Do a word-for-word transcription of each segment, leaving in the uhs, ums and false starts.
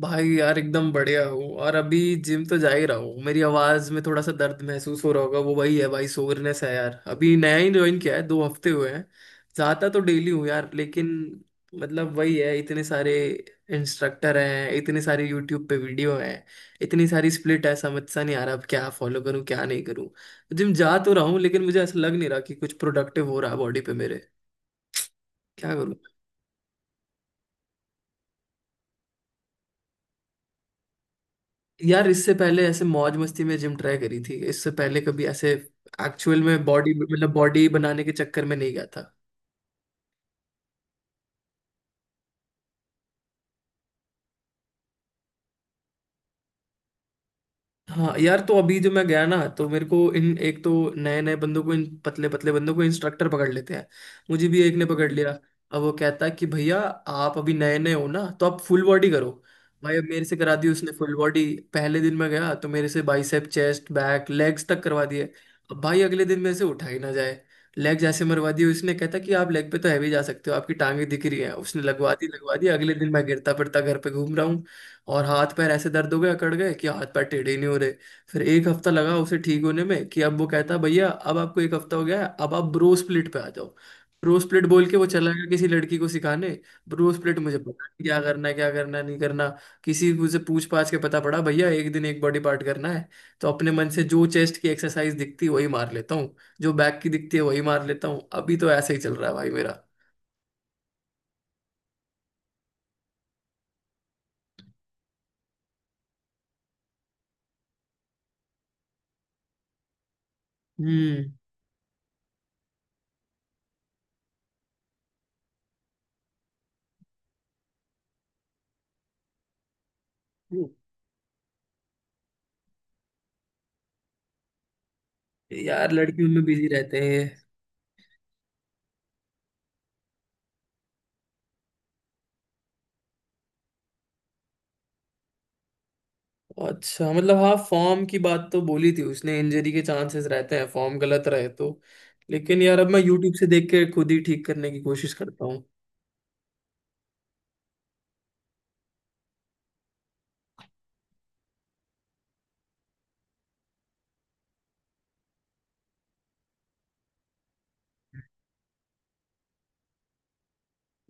भाई यार, एकदम बढ़िया हूँ। और अभी जिम तो जा ही रहा हूँ। मेरी आवाज में थोड़ा सा दर्द महसूस हो रहा होगा, वो वही है भाई, सोरनेस है यार। अभी नया ही ज्वाइन किया है, दो हफ्ते हुए हैं। जाता तो डेली हूँ यार, लेकिन मतलब वही है, इतने सारे इंस्ट्रक्टर हैं, इतने सारे यूट्यूब पे वीडियो हैं, इतनी सारी स्प्लिट है, समझ सा नहीं आ रहा अब क्या फॉलो करूँ क्या नहीं करूँ। जिम जा तो रहा हूँ लेकिन मुझे ऐसा लग नहीं रहा कि कुछ प्रोडक्टिव हो रहा है बॉडी पे मेरे। क्या? यार इससे पहले ऐसे मौज मस्ती में जिम ट्राई करी थी, इससे पहले कभी ऐसे एक्चुअल में बॉडी, मतलब बॉडी बनाने के चक्कर में नहीं गया। हाँ यार, तो अभी जो मैं गया ना, तो मेरे को इन एक तो नए नए बंदों को, इन पतले पतले बंदों को इंस्ट्रक्टर पकड़ लेते हैं। मुझे भी एक ने पकड़ लिया। अब वो कहता है कि भैया आप अभी नए नए हो ना, तो आप फुल बॉडी करो। भाई अब मेरे से करा दी उसने फुल बॉडी। पहले दिन में गया तो मेरे से बाइसेप, चेस्ट, बैक, लेग्स तक करवा दिए। अब भाई अगले दिन मेरे से उठा ही ना जाए। लेग जैसे मरवा दिए उसने, कहता कि आप लेग पे तो हैवी जा सकते हो, आपकी टांगे दिख रही है। उसने लगवा दी लगवा दी, अगले दिन मैं गिरता फिरता घर पे घूम रहा। और हाथ पैर ऐसे दर्द हो गए, अकड़ गए कि हाथ पैर टेढ़े ही नहीं हो रहे। फिर एक हफ्ता लगा उसे ठीक होने में, कि अब वो कहता भैया अब आपको एक हफ्ता हो गया है, अब आप ब्रो स्प्लिट पे आ जाओ। ब्रो स्प्लिट बोल के वो चला गया किसी लड़की को सिखाने। ब्रो स्प्लिट मुझे पता नहीं क्या करना है, क्या करना है, नहीं करना। किसी को से पूछ पाछ के पता पड़ा, भैया एक दिन एक बॉडी पार्ट करना है। तो अपने मन से जो चेस्ट की एक्सरसाइज दिखती है वही मार लेता हूँ, जो बैक की दिखती है वही मार लेता हूँ। अभी तो ऐसे ही चल रहा है भाई मेरा। हम्म। यार लड़कियों में बिजी रहते हैं ये। अच्छा मतलब, हाँ फॉर्म की बात तो बोली थी उसने, इंजरी के चांसेस रहते हैं फॉर्म गलत रहे तो। लेकिन यार अब मैं यूट्यूब से देख के खुद ही ठीक करने की कोशिश करता हूँ।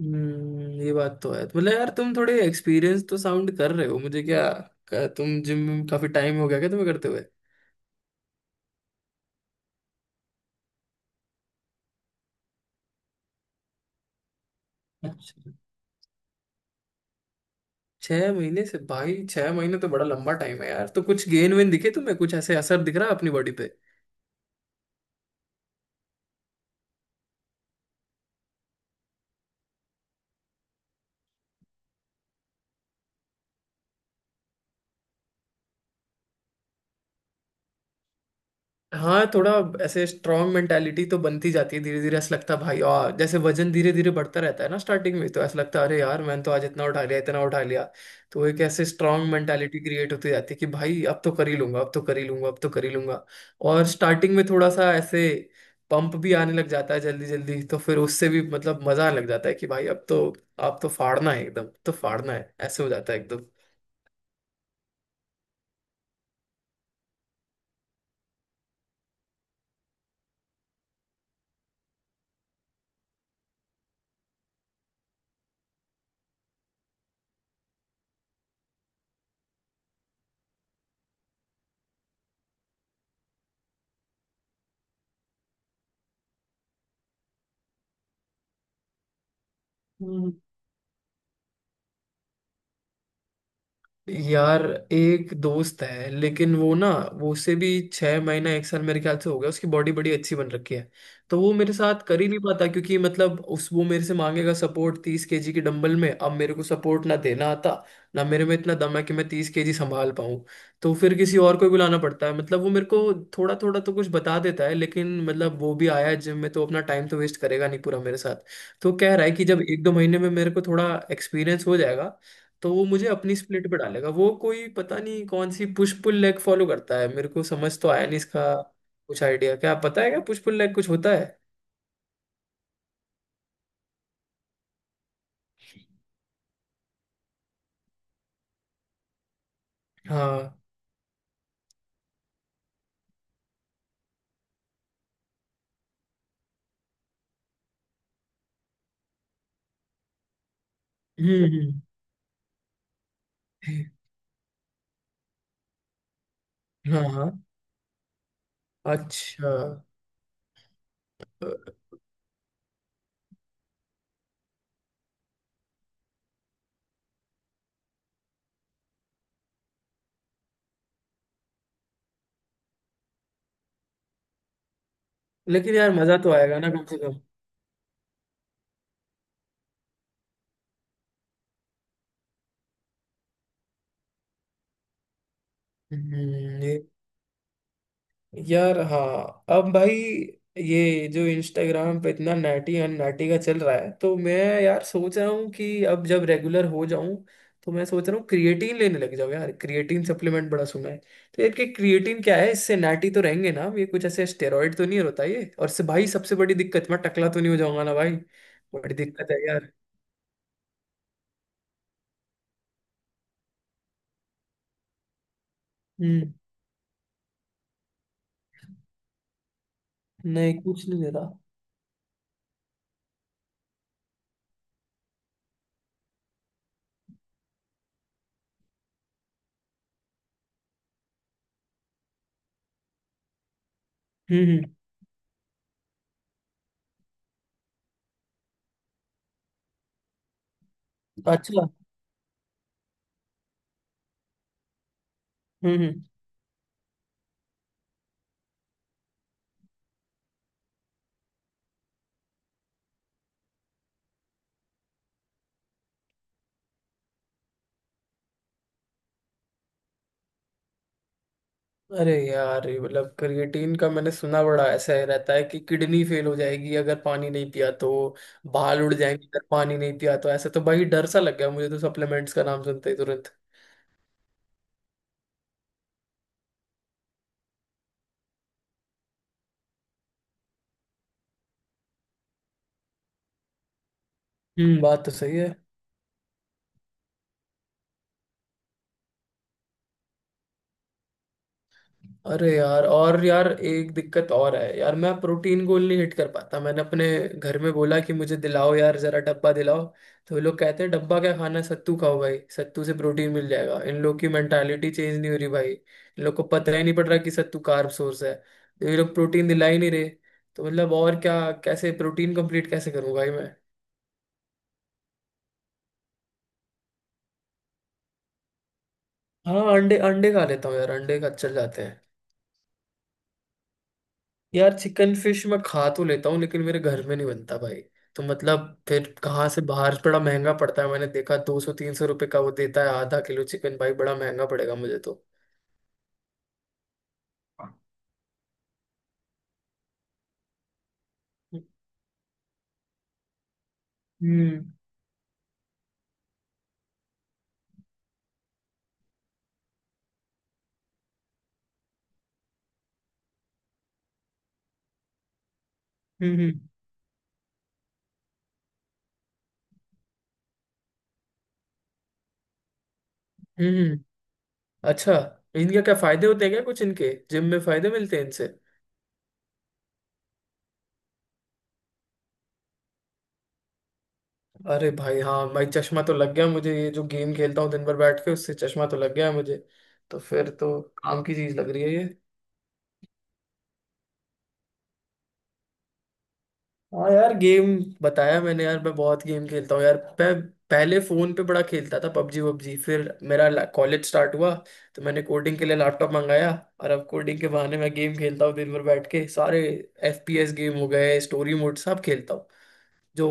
हम्म, ये बात तो है। तो मतलब यार तुम थोड़े एक्सपीरियंस तो साउंड कर रहे हो मुझे, क्या क्या तुम जिम में काफी टाइम हो गया क्या तुम्हें करते हुए? अच्छा। छह महीने से भाई? छह महीने तो बड़ा लंबा टाइम है यार। तो कुछ गेन वेन दिखे तुम्हें? कुछ ऐसे असर दिख रहा है अपनी बॉडी पे? हाँ थोड़ा ऐसे स्ट्रांग मेंटालिटी तो बनती जाती है धीरे धीरे, ऐसा लगता है भाई। और जैसे वजन धीरे धीरे बढ़ता रहता है ना स्टार्टिंग में, तो ऐसा लगता है अरे यार मैंने तो आज इतना उठा लिया इतना उठा लिया। तो एक ऐसे स्ट्रांग मेंटालिटी क्रिएट होती जाती है कि भाई अब तो कर ही लूंगा, अब तो कर ही लूंगा, अब तो कर ही लूंगा। और स्टार्टिंग में थोड़ा सा ऐसे पंप भी आने लग जाता है जल्दी जल्दी, तो फिर उससे भी मतलब मजा आने लग जाता है कि भाई अब तो आप तो फाड़ना है एकदम, अब तो फाड़ना है, ऐसे हो जाता है एकदम। यार एक दोस्त है लेकिन वो ना, वो उससे भी छह महीना एक साल मेरे ख्याल से हो गया, उसकी बॉडी बड़ी अच्छी बन रखी है। तो वो मेरे साथ कर ही नहीं पाता क्योंकि मतलब उस वो मेरे से मांगेगा सपोर्ट तीस केजी की डंबल में, अब मेरे को सपोर्ट ना देना आता, ना मेरे में इतना दम है कि मैं तीस केजी संभाल पाऊँ। तो फिर किसी और को ही बुलाना पड़ता है। मतलब वो मेरे को थोड़ा थोड़ा तो कुछ बता देता है लेकिन, मतलब वो भी आया है जिम में तो अपना टाइम तो वेस्ट करेगा नहीं पूरा मेरे साथ। तो कह रहा है कि जब एक दो महीने में मेरे को थोड़ा एक्सपीरियंस हो जाएगा तो वो मुझे अपनी स्प्लिट पे डालेगा। वो कोई पता नहीं कौन सी पुश पुल लेग फॉलो करता है, मेरे को समझ तो आया नहीं इसका। कुछ आइडिया क्या आप, पता है क्या पुश पुल लेग कुछ होता है? हाँ। हम्म। हम्म, हाँ हाँ। अच्छा। लेकिन यार मजा तो आएगा ना कम से कम। हम्म, ये। यार हाँ, अब भाई ये जो इंस्टाग्राम पे इतना नैटी एंड नैटी का चल रहा है तो मैं, यार सोच रहा हूँ कि अब जब रेगुलर हो जाऊं तो मैं सोच रहा हूँ क्रिएटिन लेने लग जाऊँ यार, क्रिएटिन सप्लीमेंट बड़ा सुना है। तो यार कि क्रिएटिन क्या है, इससे नैटी तो रहेंगे ना हम? ये कुछ ऐसे स्टेरॉइड तो नहीं होता ये? और से भाई सबसे बड़ी दिक्कत, मैं टकला तो नहीं हो जाऊंगा ना भाई? बड़ी दिक्कत है यार। हम्म। नहीं कुछ नहीं दे रहा। हम्म हम्म। अच्छा। हम्म हम्म। अरे यार, ये मतलब क्रिएटिन का मैंने सुना बड़ा ऐसा है, रहता है कि किडनी फेल हो जाएगी अगर पानी नहीं पिया तो, बाल उड़ जाएंगे अगर पानी नहीं पिया तो। ऐसा तो भाई डर सा लग गया मुझे तो सप्लीमेंट्स का नाम सुनते ही तुरंत। हम्म, बात तो सही है। अरे यार, और यार एक दिक्कत और है यार, मैं प्रोटीन गोल नहीं हिट कर पाता। मैंने अपने घर में बोला कि मुझे दिलाओ यार जरा डब्बा दिलाओ, तो वो लोग कहते हैं डब्बा क्या खाना है, सत्तू खाओ भाई सत्तू से प्रोटीन मिल जाएगा। इन लोग की मेंटालिटी चेंज नहीं हो रही भाई, इन लोग को पता ही नहीं पड़ रहा कि सत्तू कार्ब सोर्स है तो ये लोग प्रोटीन दिला ही नहीं रहे। तो मतलब और क्या, कैसे प्रोटीन कंप्लीट कैसे करूँ भाई मैं? हाँ अंडे, अंडे खा लेता हूँ यार, अंडे का चल जाते हैं। यार चिकन फिश मैं खा तो लेता हूँ लेकिन मेरे घर में नहीं बनता भाई। तो मतलब फिर कहाँ से, बाहर बड़ा महंगा पड़ता है, मैंने देखा दो सौ तीन सौ रुपये का वो देता है आधा किलो चिकन, भाई बड़ा महंगा पड़ेगा मुझे तो। हम्म। हम्म हम्म। अच्छा, इनके क्या फायदे होते हैं क्या, कुछ इनके जिम में फायदे मिलते हैं इनसे? अरे भाई हाँ भाई, चश्मा तो लग गया मुझे, ये जो गेम खेलता हूँ दिन भर बैठ के, उससे चश्मा तो लग गया है मुझे। तो फिर तो काम की चीज लग रही है ये। हाँ यार गेम, बताया मैंने यार, मैं बहुत गेम खेलता हूँ यार। मैं पहले फोन पे बड़ा खेलता था पबजी वबजी। फिर मेरा कॉलेज स्टार्ट हुआ तो मैंने कोडिंग के लिए लैपटॉप मंगाया, और अब कोडिंग के बहाने मैं गेम खेलता हूँ दिन भर बैठ के। सारे एफ पी एस गेम हो गए, स्टोरी मोड, सब खेलता हूँ। जो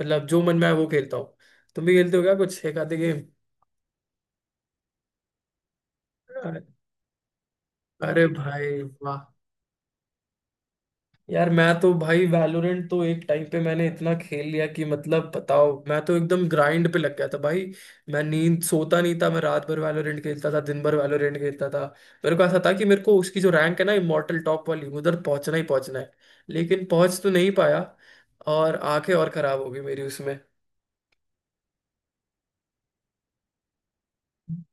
मतलब जो मन में आए वो खेलता हूँ। तुम भी खेलते हो क्या कुछ एक आधे गेम? अरे भाई वाह, यार मैं तो भाई वैलोरेंट तो एक टाइम पे मैंने इतना खेल लिया कि मतलब बताओ मैं तो एकदम ग्राइंड पे लग गया था भाई। मैं नींद सोता नहीं था, मैं रात भर वैलोरेंट खेलता था, दिन भर वैलोरेंट खेलता था। मेरे को ऐसा था कि मेरे को उसकी जो रैंक है ना इमॉर्टल टॉप वाली, उधर पहुंचना ही पहुंचना है। लेकिन पहुंच तो नहीं पाया और आंखें और खराब हो गई मेरी उसमें।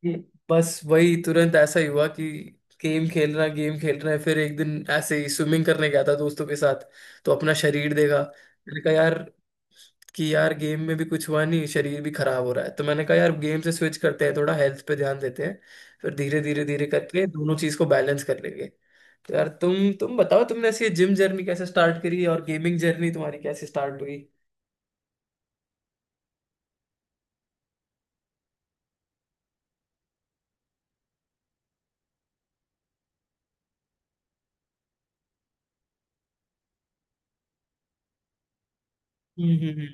ये- बस वही तुरंत ऐसा ही हुआ कि गेम खेल रहा, गेम खेल रहा है, फिर एक दिन ऐसे ही स्विमिंग करने गया था दोस्तों के साथ। तो अपना शरीर देखा, मैंने कहा यार कि यार गेम में भी कुछ हुआ नहीं, शरीर भी खराब हो रहा है। तो मैंने कहा यार गेम से स्विच करते हैं, थोड़ा हेल्थ पे ध्यान देते हैं। फिर धीरे धीरे धीरे करके दोनों चीज को बैलेंस कर लेंगे। तो यार तुम तुम बताओ, तुमने ऐसी जिम जर्नी कैसे स्टार्ट करी और गेमिंग जर्नी तुम्हारी कैसे स्टार्ट हुई?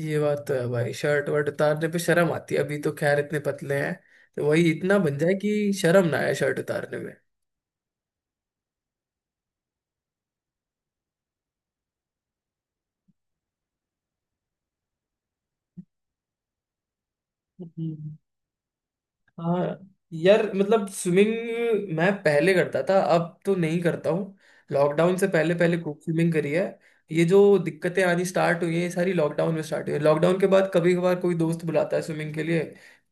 ये बात तो है भाई, शर्ट वर्ट उतारने पे शर्म आती है, अभी तो खैर इतने पतले हैं। तो वही इतना बन जाए कि शर्म ना आए शर्ट उतारने में। हाँ यार मतलब स्विमिंग मैं पहले करता था, अब तो नहीं करता हूँ। लॉकडाउन से पहले पहले खूब स्विमिंग करी है। ये जो दिक्कतें आनी स्टार्ट हुई हैं ये सारी लॉकडाउन में स्टार्ट हुई है। लॉकडाउन के बाद कभी कभार कोई दोस्त बुलाता है स्विमिंग के लिए,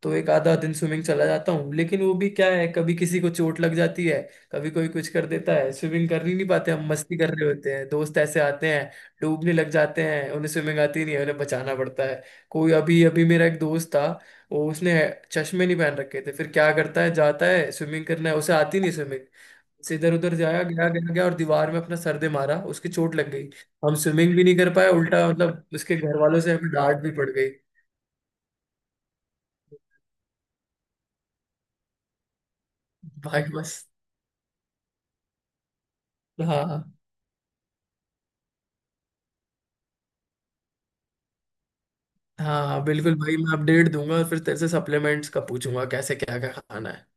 तो एक आधा दिन स्विमिंग चला जाता हूँ। लेकिन वो भी क्या है, कभी किसी को चोट लग जाती है, कभी कोई कुछ कर देता है, स्विमिंग कर ही नहीं पाते। हम मस्ती कर रहे होते हैं, दोस्त ऐसे आते हैं, डूबने लग जाते हैं, उन्हें स्विमिंग आती नहीं है, उन्हें बचाना पड़ता है। कोई अभी अभी मेरा एक दोस्त था, वो, उसने चश्मे नहीं पहन रखे थे, फिर क्या करता है जाता है स्विमिंग करना है उसे, आती नहीं स्विमिंग उसे। इधर उधर जाया गया गया गया और दीवार में अपना सर दे मारा, उसकी चोट लग गई। हम स्विमिंग भी नहीं कर पाए, उल्टा मतलब उसके घर वालों से हमें डांट भी पड़ गई। भाई बस। हाँ हाँ हाँ बिल्कुल भाई, मैं अपडेट दूंगा और फिर तेरे से सप्लीमेंट्स का पूछूंगा कैसे क्या क्या खाना है।